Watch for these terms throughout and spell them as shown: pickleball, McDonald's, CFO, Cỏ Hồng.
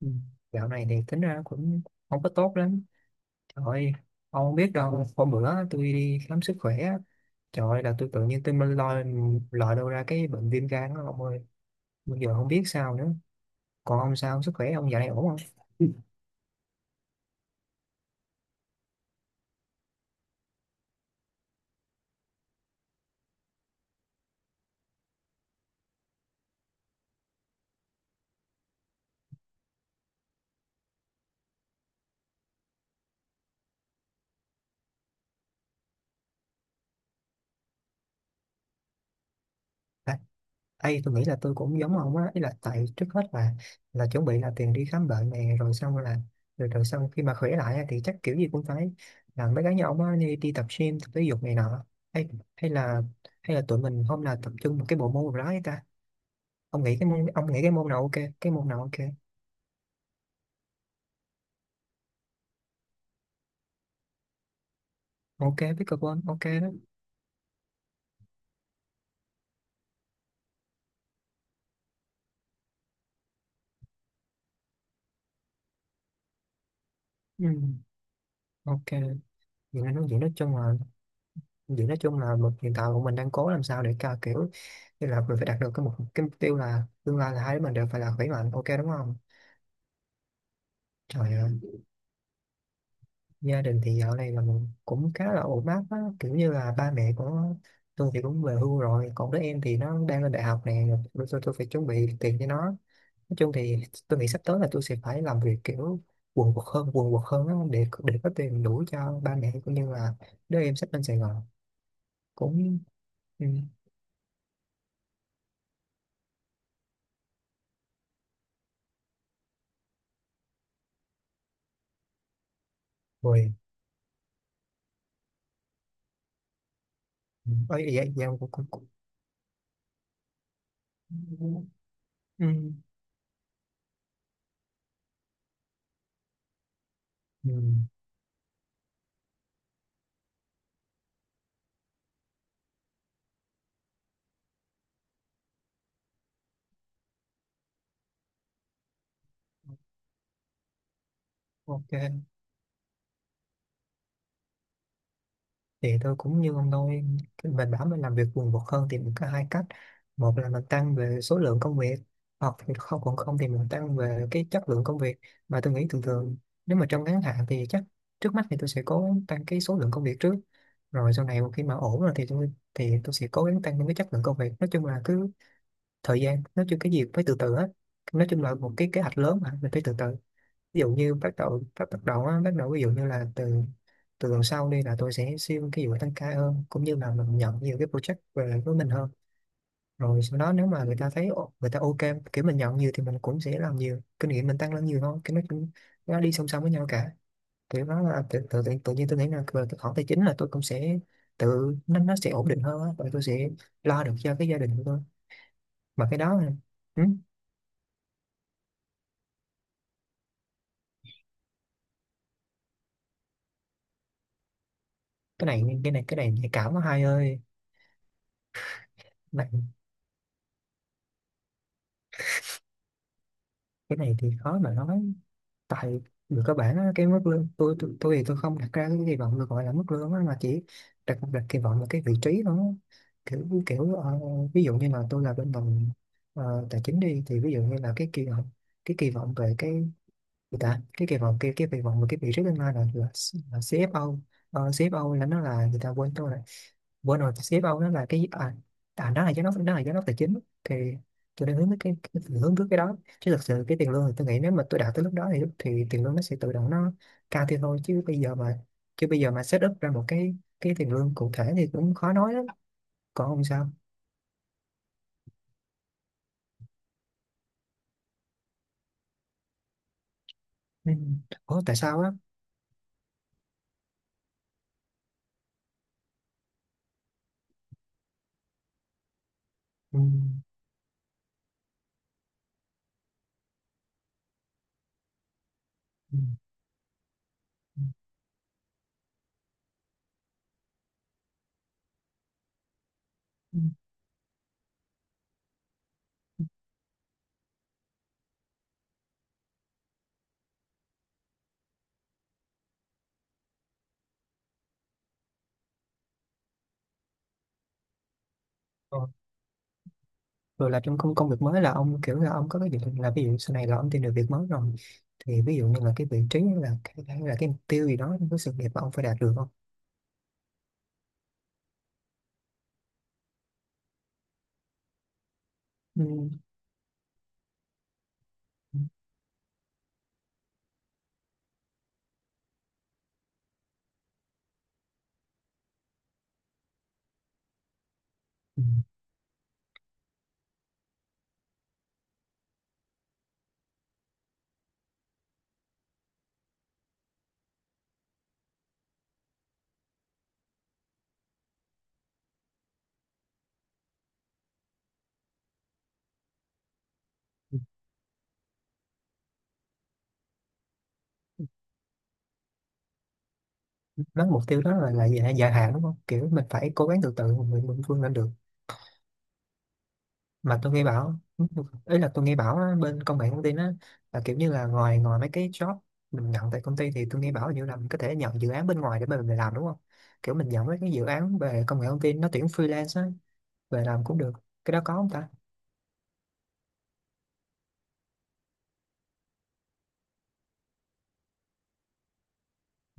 Ừ. Dạo này thì tính ra cũng không có tốt lắm. Trời ơi, ông không biết đâu. Hôm bữa tôi đi khám sức khỏe á, trời ơi là tôi tự nhiên mới lòi lòi đâu ra cái bệnh viêm gan đó ông ơi. Bây giờ không biết sao nữa. Còn ông sao, sức khỏe ông dạo này ổn không? À, tôi nghĩ là tôi cũng giống ông á. Ý là tại trước hết là chuẩn bị là tiền đi khám bệnh này. Rồi xong là rồi xong khi mà khỏe lại á, thì chắc kiểu gì cũng phải làm mấy cái như ông á, đi tập gym, tập thể dục này nọ, hay hay là hay là tụi mình hôm nào tập trung một cái bộ môn nào đó ấy ta. Ông nghĩ cái môn ông nghĩ cái môn nào ok cái môn nào ok Ok, pickleball ok đó. Ừ. Ok, vậy nên nói vậy nói chung là vậy nói chung là hiện tại bọn mình đang cố làm sao để ca kiểu như là mình phải đạt được cái mục tiêu là tương lai là hai đứa mình đều phải là khỏe mạnh, ok đúng không. Trời ơi, gia đình thì dạo này là mình cũng khá là ổn áp á, kiểu như là ba mẹ của tôi thì cũng về hưu rồi, còn đứa em thì nó đang lên đại học nè. Rồi tôi phải chuẩn bị tiền cho nó. Nói chung thì tôi nghĩ sắp tới là tôi sẽ phải làm việc kiểu quần quật hơn á, để có tiền đủ cho ba mẹ cũng như là đứa em sắp lên Sài Gòn. Cũng ừ. Rồi. Ừ, ấy vậy vậy cũng cũng cũng ừ. Ừ. Ok, thì tôi cũng như ông thôi. Mình bảo mình làm việc quần quật hơn thì mình có hai cách. Một là mình tăng về số lượng công việc, hoặc thì không thì mình tăng về cái chất lượng công việc. Mà tôi nghĩ thường thường, nếu mà trong ngắn hạn thì chắc trước mắt thì tôi sẽ cố gắng tăng cái số lượng công việc trước, rồi sau này một khi mà ổn rồi thì tôi sẽ cố gắng tăng những cái chất lượng công việc. Nói chung là cứ thời gian, nói chung cái gì cũng phải từ từ hết. Nói chung là một cái kế hoạch lớn mà mình phải từ từ. Ví dụ như bắt đầu bắt bắt đầu á bắt đầu ví dụ như là từ từ tuần sau đi là tôi sẽ xin cái vụ tăng ca hơn, cũng như là mình nhận nhiều cái project về lại với mình hơn. Rồi sau đó nếu mà người ta thấy người ta ok, kiểu mình nhận nhiều thì mình cũng sẽ làm nhiều, kinh nghiệm mình tăng lên nhiều thôi, cái nó cũng nó đi song song với nhau cả. Kiểu đó là tự nhiên tôi nghĩ là về cái khoản tài chính là tôi cũng sẽ tự nó sẽ ổn định hơn á, và tôi sẽ lo được cho cái gia đình của tôi. Mà cái đó ừ, cái này nhạy cảm quá hai ơi. Này, cái này thì khó mà nói. Tại người cơ bản á, cái mức lương tôi thì tôi không đặt ra cái kỳ vọng được gọi là mức lương á, mà chỉ đặt đặt kỳ vọng là cái vị trí nó kiểu kiểu ví dụ như là tôi là bên ngành tài chính đi, thì ví dụ như là cái kỳ vọng về cái thì ta cái kỳ vọng và cái vị trí tương lai là CFO. CFO là nó là người ta quên tôi rồi, quên rồi. CFO nó là cái nó là giám đốc tài chính. Thì tôi đang hướng tới cái đó, chứ thực sự cái tiền lương thì tôi nghĩ nếu mà tôi đạt tới lúc đó thì tiền lương nó sẽ tự động nó cao thêm thôi. Chứ bây giờ mà set up ra một cái tiền lương cụ thể thì cũng khó nói lắm. Còn ông sao? Ừ. Ủa tại sao á? Ừ. Ừ. Ừ. Ừ. Ừ. Rồi là trong công công việc mới là ông kiểu là ông có cái dự định là ví dụ sau này là ông tìm được việc mới rồi thì ví dụ như là cái vị trí, hay là cái mục tiêu gì đó trong cái sự nghiệp mà ông phải đạt được không. Ừ. Ừ. Nói mục tiêu đó là dài hạn đúng không, kiểu mình phải cố gắng từ từ mình vươn lên được. Mà tôi nghe bảo, ấy là tôi nghe bảo á, bên công nghệ thông tin á, là kiểu như là ngoài ngoài mấy cái job mình nhận tại công ty, thì tôi nghe bảo như là mình có thể nhận dự án bên ngoài để mà mình làm đúng không, kiểu mình nhận mấy cái dự án về công nghệ thông tin nó tuyển freelance á về làm cũng được. Cái đó có không ta?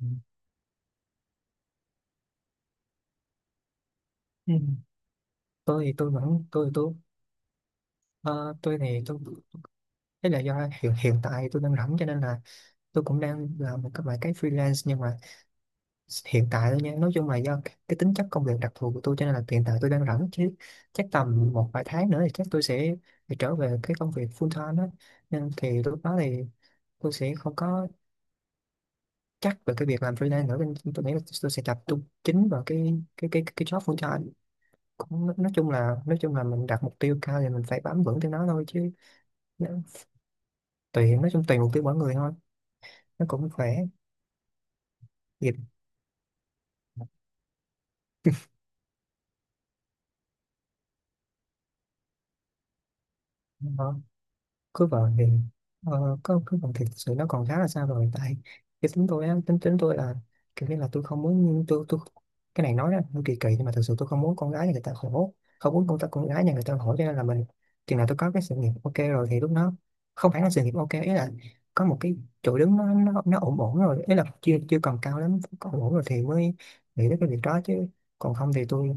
Ừ. Ừ. Tôi thì tôi vẫn tôi ờ, tôi thì tôi thế là do hiện hiện tại tôi đang rảnh cho nên là tôi cũng đang làm một cái vài cái freelance, nhưng mà hiện tại thôi nha. Nói chung là do cái tính chất công việc đặc thù của tôi cho nên là hiện tại tôi đang rảnh, chứ chắc tầm một vài tháng nữa thì chắc tôi sẽ phải trở về cái công việc full time đó. Nên thì lúc đó thì tôi sẽ không có chắc về cái việc làm freelance nữa, nên tôi nghĩ là tôi sẽ tập trung chính vào cái job full time. Cũng nói chung là mình đặt mục tiêu cao thì mình phải bám vững theo nó thôi, chứ nó- tùy, nói chung tùy mục tiêu mỗi người thôi. Nó cũng khỏe. Dịp cứ vợ thì có, cứ vợ thì thực sự nó còn khá là xa rồi. Tại cái tính tôi á, tính tính tôi là kiểu như là tôi không muốn tôi cái này nói ra nó kỳ kỳ, nhưng mà thực sự tôi không muốn con gái nhà người ta khổ, không muốn con gái nhà người ta khổ, cho nên là mình chừng nào tôi có cái sự nghiệp ok rồi thì lúc đó, không phải là sự nghiệp ok ý là có một cái chỗ đứng nó ổn ổn rồi, ý là chưa chưa còn cao lắm, có ổn ổn rồi thì mới nghĩ đến cái việc đó chứ. Còn không thì tôi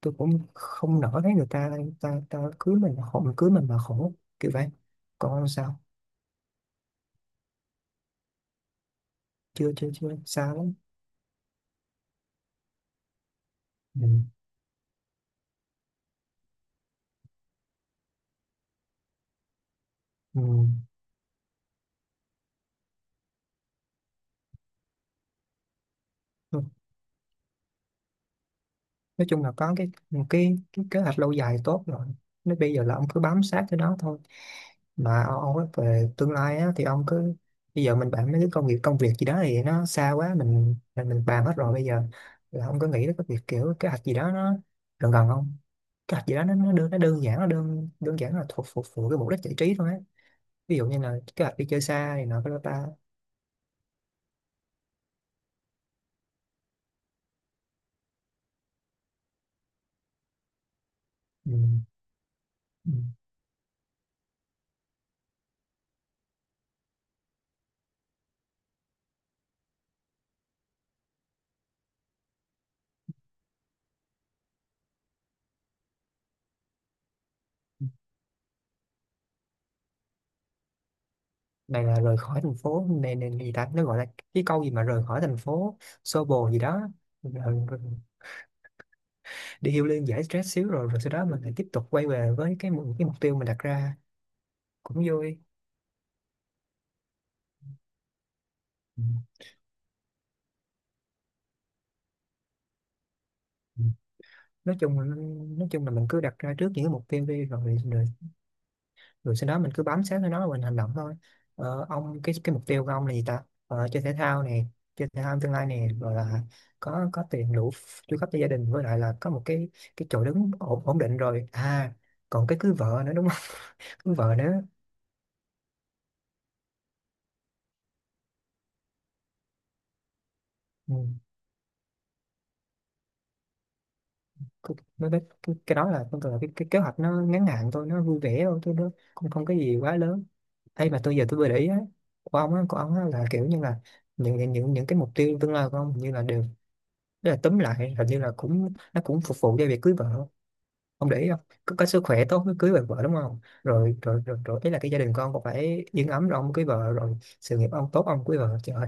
tôi cũng không nỡ thấy người ta ta ta cưới mình mà khổ, mình cưới mình mà khổ, kiểu vậy. Còn ông sao? Chưa chưa chưa xa lắm. Ừ. Ừ. Ừ. Nói chung là có cái kế hoạch lâu dài tốt rồi. Nếu bây giờ là ông cứ bám sát cái đó thôi. Mà ông nói về tương lai á, thì ông cứ bây giờ mình bàn mấy cái công việc gì đó thì nó xa quá, mình bàn hết rồi. Bây giờ là ông có nghĩ đến cái việc kiểu kế hoạch gì đó nó gần gần không? Kế hoạch gì đó nó đơn giản nó đơn đơn giản là thuộc phục vụ cái mục đích giải trí thôi á, ví dụ như là kế hoạch đi chơi xa này nọ, cái đó ta. Ừ. Ừ. Này là rời khỏi thành phố này, này này gì ta, nó gọi là cái câu gì mà rời khỏi thành phố xô bồ gì đó. Rồi, rồi, đi healing liên giải stress xíu, rồi rồi sau đó mình lại tiếp tục quay về với cái mục tiêu mình đặt ra. Cũng vui. Ừ. Ừ. nói chung là- nói chung là mình cứ đặt ra trước những cái mục tiêu đi, rồi, rồi rồi sau đó mình cứ bám sát theo nó và mình hành động thôi. Ông cái mục tiêu của ông là gì ta, chơi thể thao này, chơi thể thao tương lai này, rồi là có tiền đủ chu cấp cho gia đình, với lại là có một cái chỗ đứng ổn định rồi à, còn cái cưới vợ nữa đúng không? Cưới vợ nữa. Ừ. Cô- cái đó là con tưởng là cái kế hoạch nó ngắn hạn thôi, nó vui vẻ thôi tôi nó không, không cái gì quá lớn. Hay mà tôi giờ tôi vừa để ý á, của ông á, là kiểu như là những cái mục tiêu tương lai của ông như là đều, thế là túm lại hình như là cũng nó cũng phục vụ cho việc cưới vợ. Ông để ý không? Có, có sức khỏe tốt mới cưới được vợ đúng không, rồi ấy là cái gia đình con cũng phải yên ấm rồi ông cưới vợ, rồi sự nghiệp ông tốt ông cưới vợ. Trời ơi,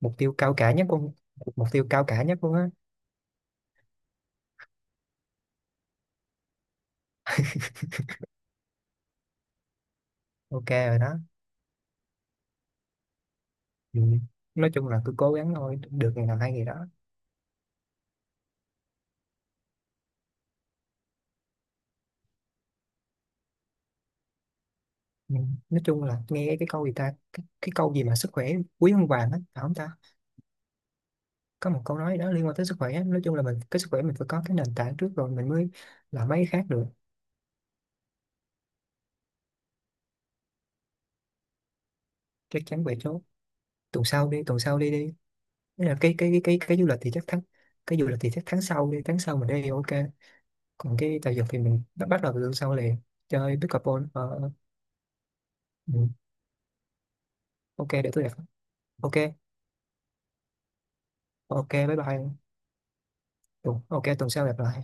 mục tiêu cao cả nhất luôn, mục tiêu cao cả nhất luôn á. Ok rồi đó. Ừ. Nói chung là cứ cố gắng thôi, được ngày nào hay ngày đó. Ừ. Nói chung là nghe cái câu gì ta, cái câu gì mà sức khỏe quý hơn vàng á, phải không ta? Có một câu nói đó liên quan tới sức khỏe á. Nói chung là mình cái sức khỏe mình phải có cái nền tảng trước rồi mình mới làm mấy cái khác được. Chắc chắn về số. Tuần sau đi, tuần sau đi đi. Nghĩa là cái du lịch thì chắc tháng, cái du lịch thì chắc tháng sau đi, tháng sau mình đi ok. Còn cái tài vật thì mình bắt bắt đầu từ tuần sau liền. Chơi pickleball ờ, ừ. Ok, để tôi đẹp. Ok. Ok bye bye. Ừ, ok tuần sau gặp lại.